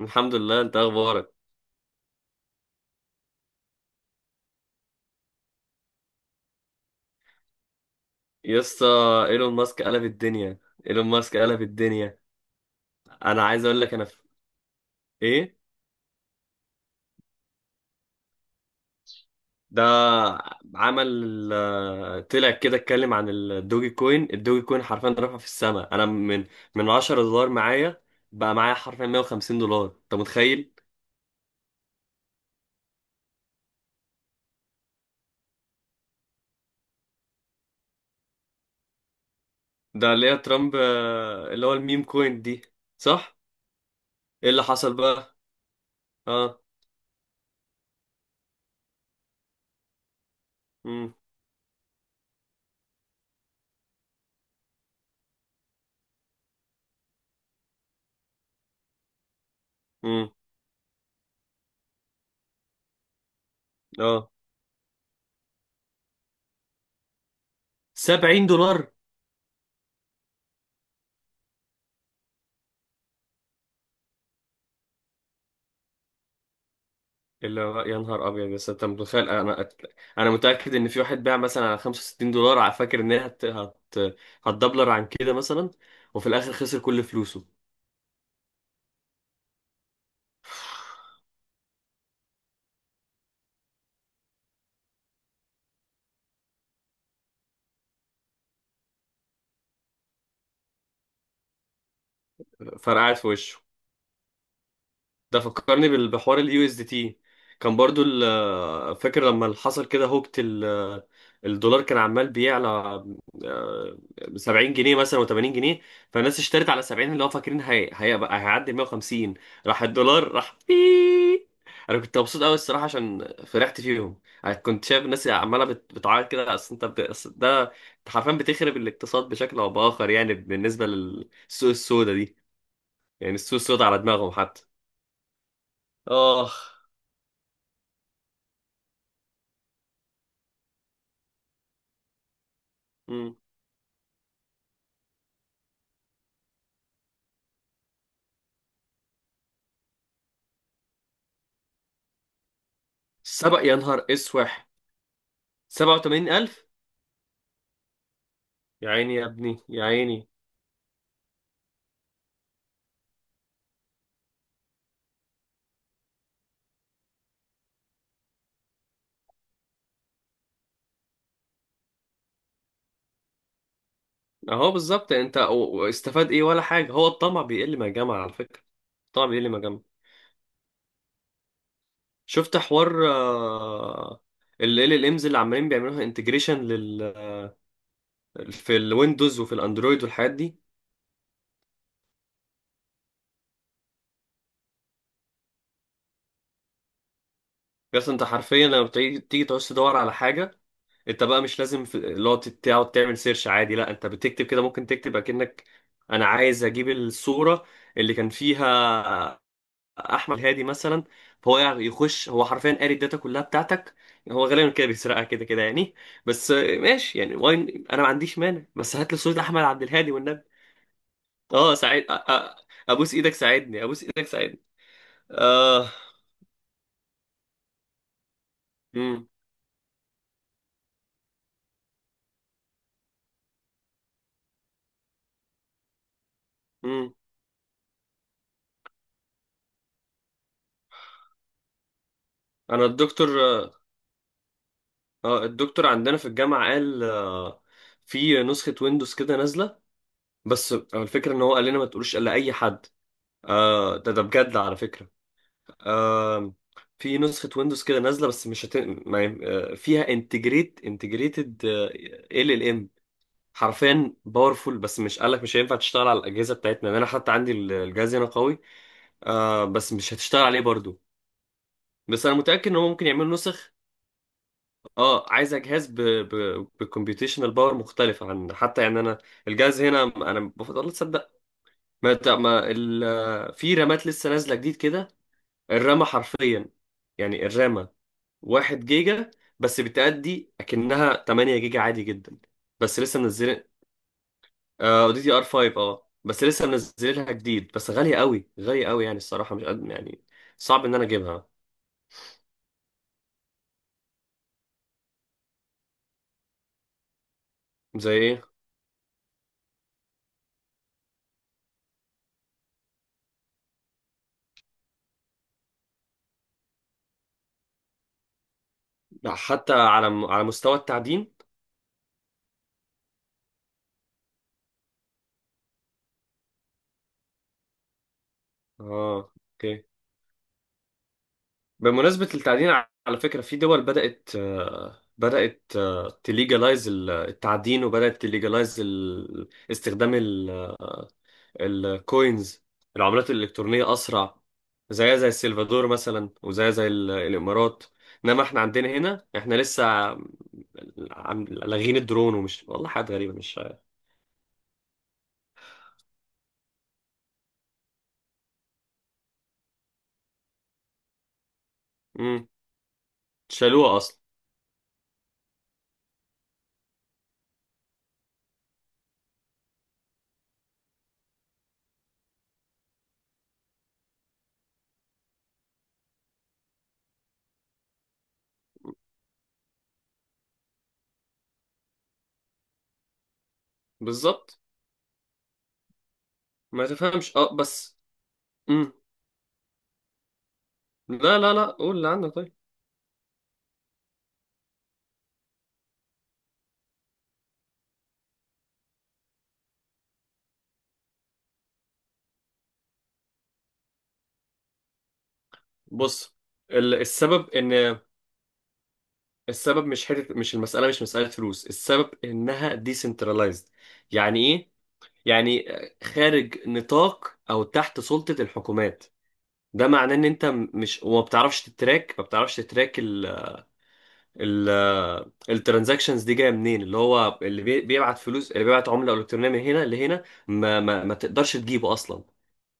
الحمد لله. انت اخبارك؟ يا اسطى، ايلون ماسك قلب الدنيا. ايلون ماسك قلب الدنيا. انا عايز اقول لك، انا في ايه، ده عمل، طلع كده. اتكلم عن الدوجي كوين. الدوجي كوين حرفيا رفع في السماء. انا من $10 معايا، بقى معايا حرفيا $150. انت متخيل؟ ده اللي هي ترامب، اللي هو الميم كوين دي، صح. ايه اللي حصل بقى؟ اه. امم. امم. اه. $70؟ اللي هو يا نهار ابيض. بس انت متخيل؟ انا متاكد ان في واحد باع مثلا على $65، على فاكر ان هي هتدبلر عن كده مثلا، وفي الاخر خسر كل فلوسه. فرقعت في وشه. ده فكرني بحوار اليو اس دي تي. كان برضو فاكر لما اللي حصل كده هوكت الدولار، كان عمال بيعلى، آه، 70 جنيه مثلا و80 جنيه. فالناس اشترت على 70، اللي هو فاكرين هيبقى هيعدي 150. راح الدولار راح بيييي. انا كنت مبسوط قوي الصراحه عشان فرحت فيهم. أنا كنت شايف الناس عماله بتعيط كده. اصل انت أصل ده أنت حرفيا بتخرب الاقتصاد بشكل او باخر، يعني بالنسبه للسوق السوداء دي، يعني السوق السوداء على دماغهم حتى. آه. مم. سبق يا نهار اسوح؟ 87,000؟ يا عيني يا ابني يا عيني. اهو بالظبط. استفاد ايه ولا حاجه. هو الطمع بيقل ما جمع على فكره. الطمع بيقل ما جمع. شفت حوار، ال امز اللي عمالين بيعملوها انتجريشن لل، في الويندوز وفي الاندرويد والحاجات دي. بس انت حرفيا لما تيجي تعوز تدور على حاجه، انت بقى مش لازم تقعد تعمل سيرش عادي. لا، انت بتكتب كده. ممكن تكتب اكنك انا عايز اجيب الصوره اللي كان فيها احمد هادي مثلا. فهو يعني يخش، هو حرفيا قاري الداتا كلها بتاعتك. هو غالبا كده بيسرقها كده كده يعني. بس ماشي يعني، واين انا ما عنديش مانع. بس هات لي صورة احمد عبد الهادي والنبي. اه، ساعد ابوس ايدك ساعدني. ابوس ايدك ساعدني. اه. امم. امم. انا الدكتور، اه الدكتور عندنا في الجامعة قال، في نسخة ويندوز كده نازلة. بس الفكرة ان هو قال لنا ما تقولوش الا اي حد. آه، ده بجد على فكرة. آم، في نسخة ويندوز كده نازلة، بس مش هت... ما... آه، فيها انتجريت انتجريتد ال ام، حرفيا باورفول. بس مش قالك مش هينفع تشتغل على الأجهزة بتاعتنا. يعني انا حتى عندي الجهاز هنا قوي، آه، بس مش هتشتغل عليه برضو. بس انا متأكد ان هو ممكن يعملوا نسخ. اه، عايزة جهاز بكمبيوتيشنال باور مختلف. عن حتى يعني انا الجهاز هنا انا بفضل تصدق ما... ت- ما... ال... آه، في رامات لسه نازلة جديد كده. الرامة حرفيا، يعني الرامة، 1 جيجا، بس بتأدي أكنها 8 جيجا عادي جدا. بس لسه منزلين، آه، دي دي ار 5. اه بس لسه منزلينها جديد، بس غالية قوي غالية قوي، يعني الصراحة مش قد يعني. صعب إن أنا أجيبها. زي إيه؟ لا، حتى على على مستوى التعدين. اه، اوكي. بمناسبة التعدين، على فكرة في دول بدأت، تليجلايز التعدين، وبدأت تليجلايز استخدام الكوينز، العملات الإلكترونية أسرع. زيها زي السلفادور مثلا، وزيها زي الإمارات. إنما إحنا عندنا هنا إحنا لسه لاغين الدرون، ومش والله حاجات غريبة مش. امم. شالوها أصلا. بالظبط. ما تفهمش، أه بس. امم. لا لا لا، قول اللي عندك. طيب، بص، السبب إن السبب، مش حتة، مش المسألة، مش مسألة فلوس. السبب إنها ديسنترلايزد. يعني إيه؟ يعني خارج نطاق او تحت سلطة الحكومات. ده معناه ان انت، مش، وما بتعرفش تتراك. ما بتعرفش تتراك ال الترانزاكشنز دي جايه منين. اللي هو اللي بيبعت فلوس، اللي بيبعت عمله الكترونيه من هنا لهنا، ما تقدرش تجيبه اصلا.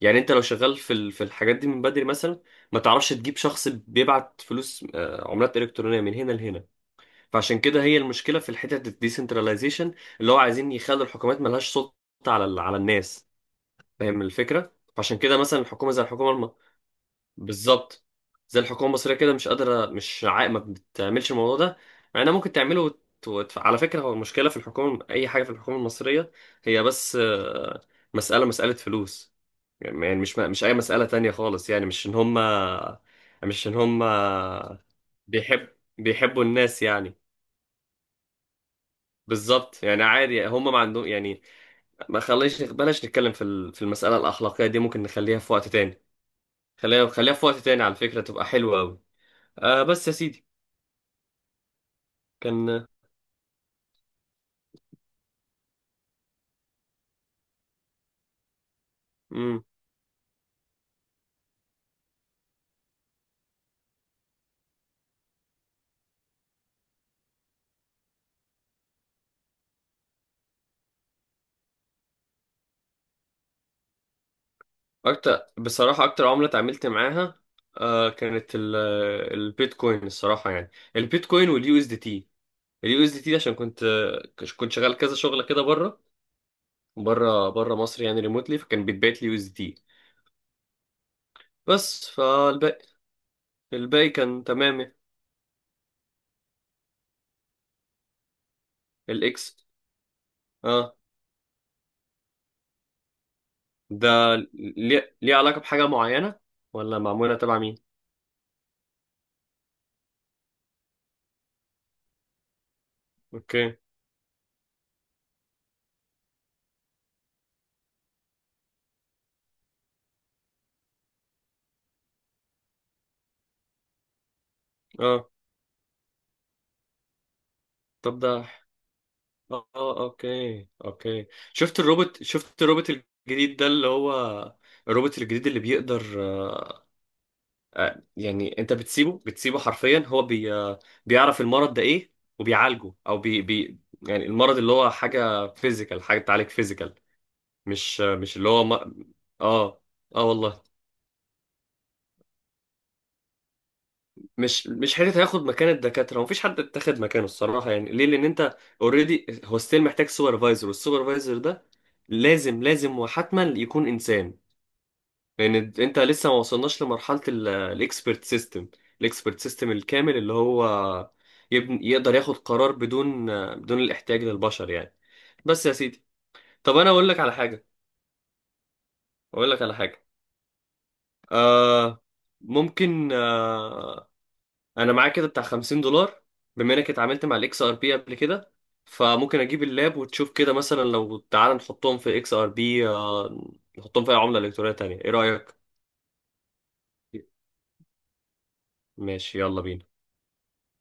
يعني انت لو شغال في في الحاجات دي من بدري مثلا، ما تعرفش تجيب شخص بيبعت فلوس، عملات الكترونيه من هنا لهنا. فعشان كده هي المشكله في الحته الديسنتراليزيشن، اللي هو عايزين يخلوا الحكومات ملهاش سلطه على على الناس. فاهم الفكرة؟ فعشان كده مثلا الحكومة، زي الحكومة بالظبط. زي الحكومة المصرية كده، مش قادرة، مش عا... ما بتعملش الموضوع ده، مع انها ممكن تعمله على فكرة هو المشكلة في الحكومة، أي حاجة في الحكومة المصرية، هي بس، مسألة فلوس. يعني مش أي مسألة تانية خالص. يعني مش إن هما بيحب بيحبوا الناس يعني. بالظبط، يعني عادي هما ما عندهم يعني. ما خليش، بلاش نتكلم في في المسألة الأخلاقية دي، ممكن نخليها في وقت تاني. خليها خليها في وقت تاني، على فكرة تبقى حلوة أوي. آه، بس يا سيدي كان. مم. أكتر بصراحة، أكتر عملة اتعاملت معاها، آه، كانت البيتكوين الصراحة. يعني البيتكوين واليو اس دي تي. اليو اس دي تي عشان كنت شغال كذا شغلة كده بره. بره بره مصر، يعني ريموتلي، فكان بيتبعت لي يو اس دي تي. بس فالباقي، الباقي كان تمام. الإكس. اه، ده، ليه علاقة بحاجة معينة، ولا معمولة تبع مين؟ اوكي. اه، طب ده، اه، اوكي اوكي. شفت الروبوت الجديد ده، اللي هو الروبوت الجديد اللي بيقدر، يعني انت بتسيبه حرفيا هو، بي آه، بيعرف المرض ده ايه وبيعالجه، او بي, بي يعني المرض اللي هو حاجة فيزيكال، حاجة تعالج فيزيكال، مش، مش اللي هو ما... اه. اه والله. مش حته هياخد مكان الدكاتره، ومفيش حد اتاخد مكانه الصراحه، يعني ليه؟ لان انت اوريدي هو ستيل محتاج سوبرفايزر، والسوبرفايزر ده لازم لازم، وحتما يكون انسان. لان انت لسه ما وصلناش لمرحله الاكسبرت سيستم، الاكسبرت سيستم الكامل، اللي هو يبن يقدر ياخد قرار بدون، الاحتياج للبشر يعني. بس يا سيدي، طب انا اقول لك على حاجه، اقول لك على حاجه. آه، ممكن، انا معايا كده بتاع $50. بما انك اتعاملت مع الاكس ار بي قبل كده، فممكن اجيب اللاب وتشوف كده مثلا. لو تعال نحطهم في اكس ار بي، نحطهم في اي عملة الكترونية تانية. ايه رأيك؟ ماشي، يلا بينا.